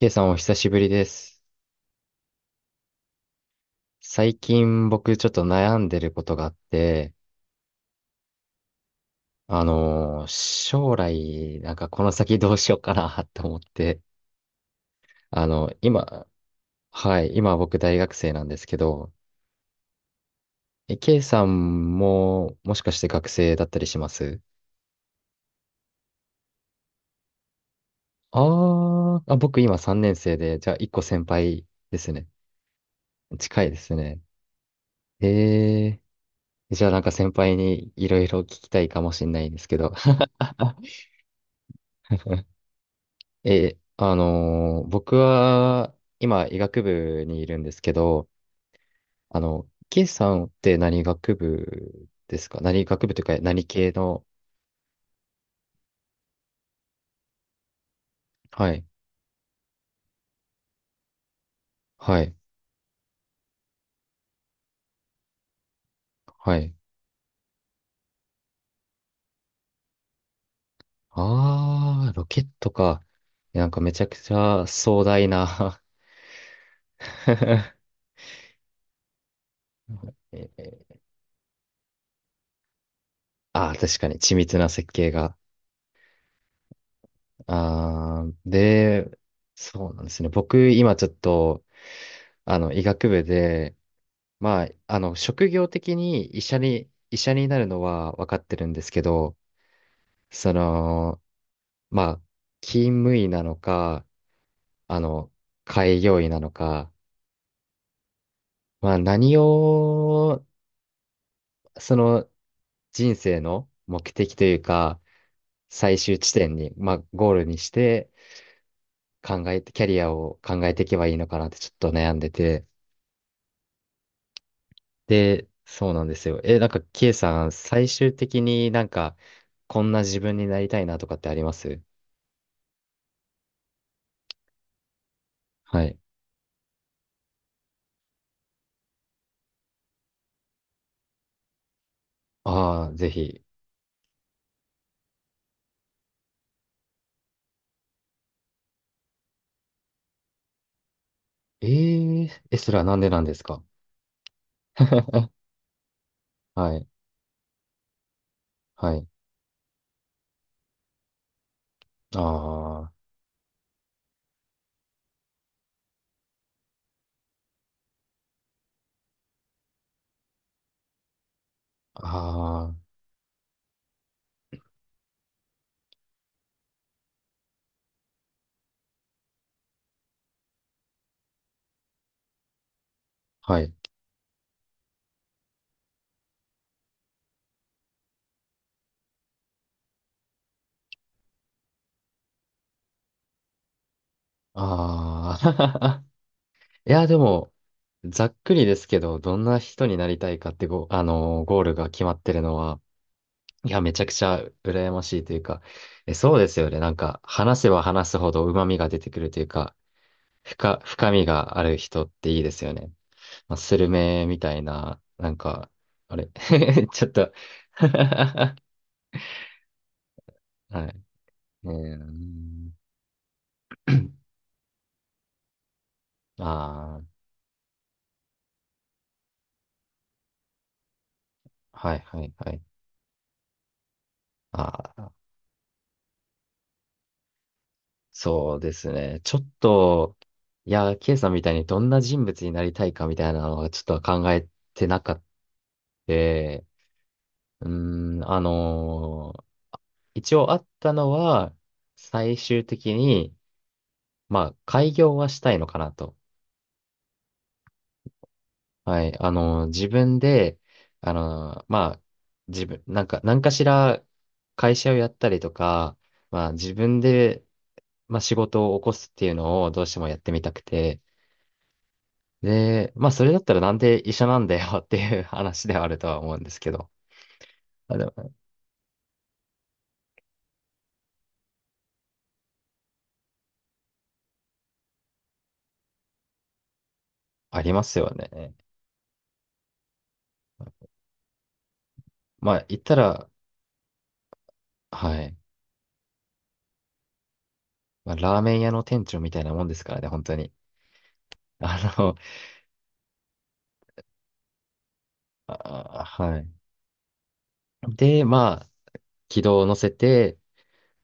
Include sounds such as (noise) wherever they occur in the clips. K さんお久しぶりです。最近僕ちょっと悩んでることがあって、将来、なんかこの先どうしようかな (laughs) って思って、今、はい、今僕大学生なんですけど、え K さんももしかして学生だったりします？あーあ、僕今3年生で、じゃあ1個先輩ですね。近いですね。えじゃあなんか先輩にいろいろ聞きたいかもしれないんですけど。(laughs) え、あのー僕は今医学部にいるんですけど、ケイさんって何学部ですか？何学部というか何系の？はい、はい、はい。あー、ロケットか。なんかめちゃくちゃ壮大な (laughs) えー、ああ確かに緻密な設計が。ああで、そうなんですね。僕今ちょっと、医学部で、まあ、職業的に医者になるのは分かってるんですけど、その、まあ、勤務医なのか、あの、開業医なのか、まあ、何を、その、人生の目的というか、最終地点に、まあ、ゴールにして、考えて、キャリアを考えていけばいいのかなってちょっと悩んでて、で、そうなんですよ。え、なんか、ケイさん、最終的になんか、こんな自分になりたいなとかってあります？はい。ああ、ぜひ。えー、え、それはなんでなんですか？ (laughs) はい、はい。ああ、ああ、はい。ああ、(laughs) いや、でも、ざっくりですけど、どんな人になりたいかってご、ゴールが決まってるのは、いや、めちゃくちゃ羨ましいというか、え、そうですよね。なんか、話せば話すほど旨味が出てくるというか、深みがある人っていいですよね。まあ、スルメみたいな、なんか、あれ。 (laughs) ちょっと。 (laughs) はい。えー、(clears throat) ああ、はいはいはい。ああ、そうですね。ちょっと、いや、ケイさんみたいにどんな人物になりたいかみたいなのはちょっと考えてなかった。うーん、一応あったのは、最終的に、まあ、開業はしたいのかなと。はい。自分で、まあ、自分、なんか、何かしら会社をやったりとか、まあ、自分で、まあ、仕事を起こすっていうのをどうしてもやってみたくて、で、まあ、それだったらなんで医者なんだよって (laughs) いう話ではあるとは思うんですけど、あ、でも、ありますよね。まあ、言ったら、はい。まあ、ラーメン屋の店長みたいなもんですからね、本当に。(laughs) あの、あ、はい。で、まあ、軌道を乗せて、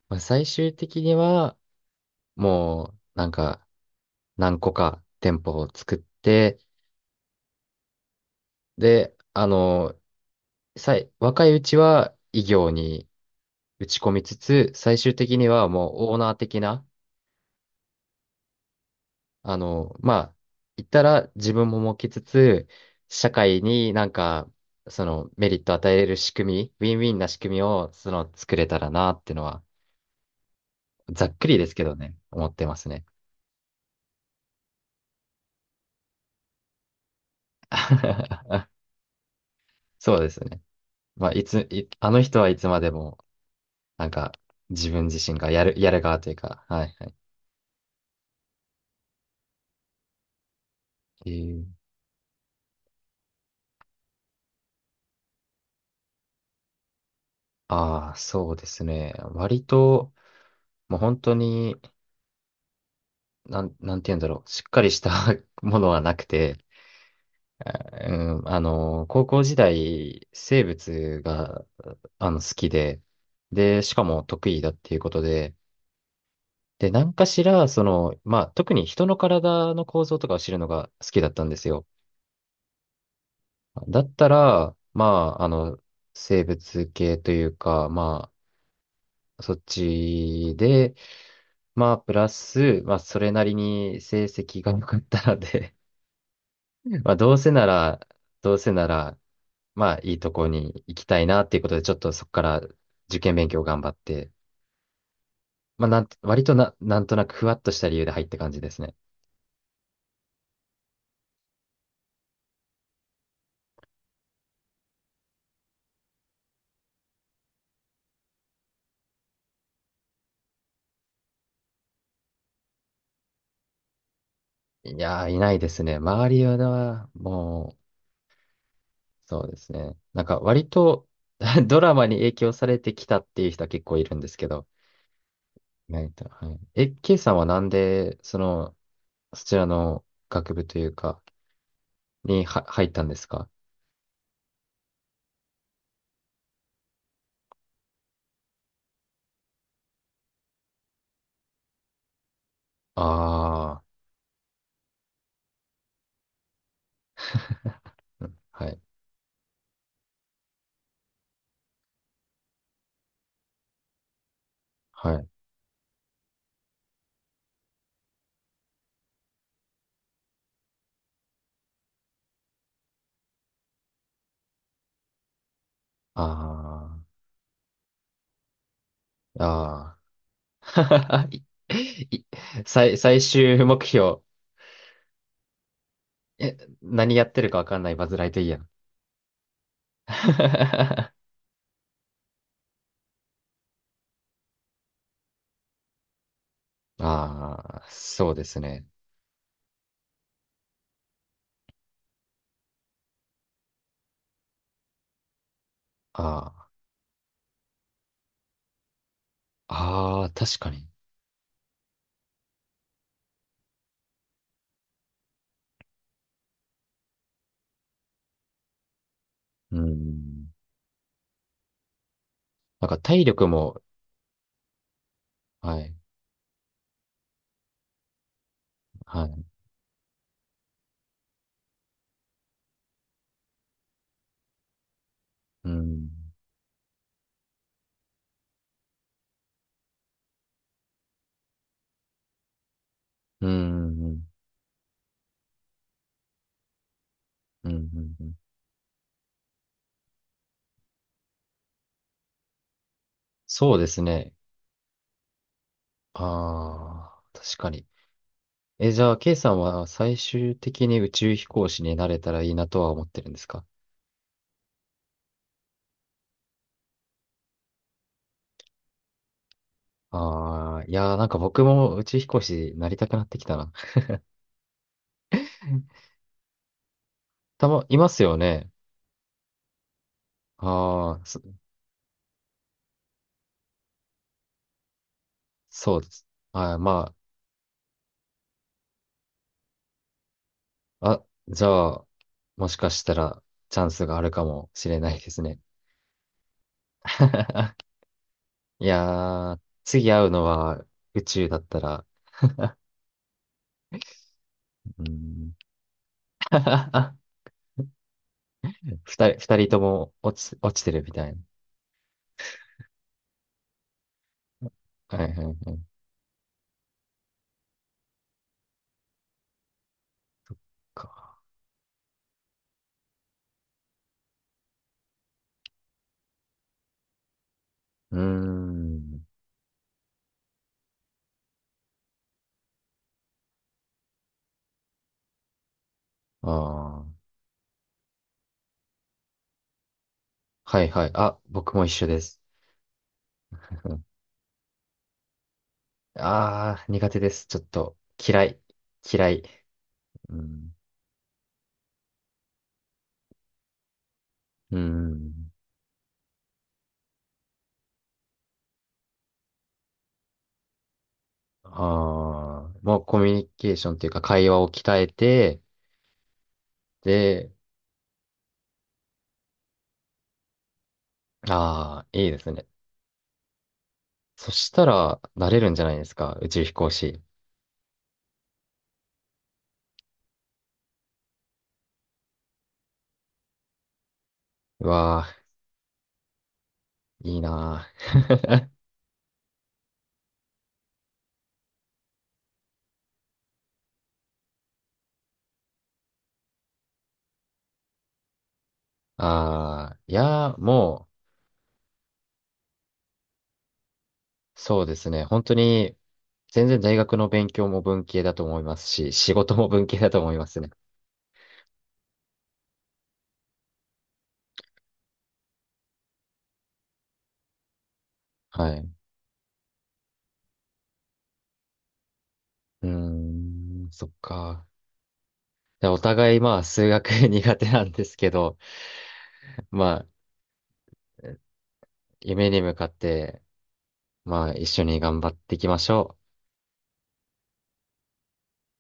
まあ、最終的には、もう、なんか、何個か店舗を作って、で、若いうちは異業に打ち込みつつ、最終的にはもうオーナー的な、まあ、言ったら自分も設けつつ、社会になんか、そのメリット与えれる仕組み、ウィンウィンな仕組みを、その、作れたらなっていうのは、ざっくりですけどね、思ってますね。(laughs) そうですね。まあ、いつ、いあの人はいつまでも、なんか、自分自身がやる、やる側というか、はいはい。えー、ああ、そうですね。割と、もう本当に、なんて言うんだろう。しっかりした (laughs) ものはなくて、あうん、高校時代、生物が、好きで、で、しかも得意だっていうことで、で、何かしら、その、まあ、特に人の体の構造とかを知るのが好きだったんですよ。だったら、まあ、生物系というか、まそっちで、まあ、プラス、まあ、それなりに成績が良かったので、(laughs) まあ、どうせなら、どうせなら、まあ、いいとこに行きたいなっていうことで、ちょっとそこから受験勉強頑張って、まあ、割とな、なんとなくふわっとした理由で入った感じですね。いやー、いないですね。周りは、もう、そうですね。なんか、割と (laughs) ドラマに影響されてきたっていう人は結構いるんですけど、意外とはい。え、K さんはなんで、その、そちらの学部というか、には入ったんですか？ああー、はい、はい。ああ、ああ。(laughs) いい最終目標。え、何やってるかわかんないバズライトイヤー。(laughs) ああ、そうですね。ああ、ああ、確かに。うん。なんか体力も、はい、はい。うん。うん、うん、うん、うん。うん、そうですね。ああ、確かに。え、じゃあ、ケイさんは最終的に宇宙飛行士になれたらいいなとは思ってるんですか？ああー、いやー、なんか僕も宇宙飛行士になりたくなってきたな。たま、いますよね。ああ、そ、そうです。あー、まあ、あ、じゃあ、もしかしたらチャンスがあるかもしれないですね。(laughs) いやー、次会うのは宇宙だったら、うーん、(laughs) 二人とも落ちてるみたいな。はいはいはい。うーん。ああ。はいはい。あ、僕も一緒です。ああー、苦手です。ちょっと、嫌い。嫌い。うん。うん。ああ、もうコミュニケーションというか会話を鍛えて、で、ああ、いいですね。そしたら、なれるんじゃないですか。宇宙飛行士。うわあ、いいなあ。(laughs) ああ、いやー、もう、そうですね。本当に、全然大学の勉強も文系だと思いますし、仕事も文系だと思いますね。はい。うーん、そっか。でお互いまあ数学 (laughs) 苦手なんですけど、まあ夢に向かって、まあ一緒に頑張っていきましょう。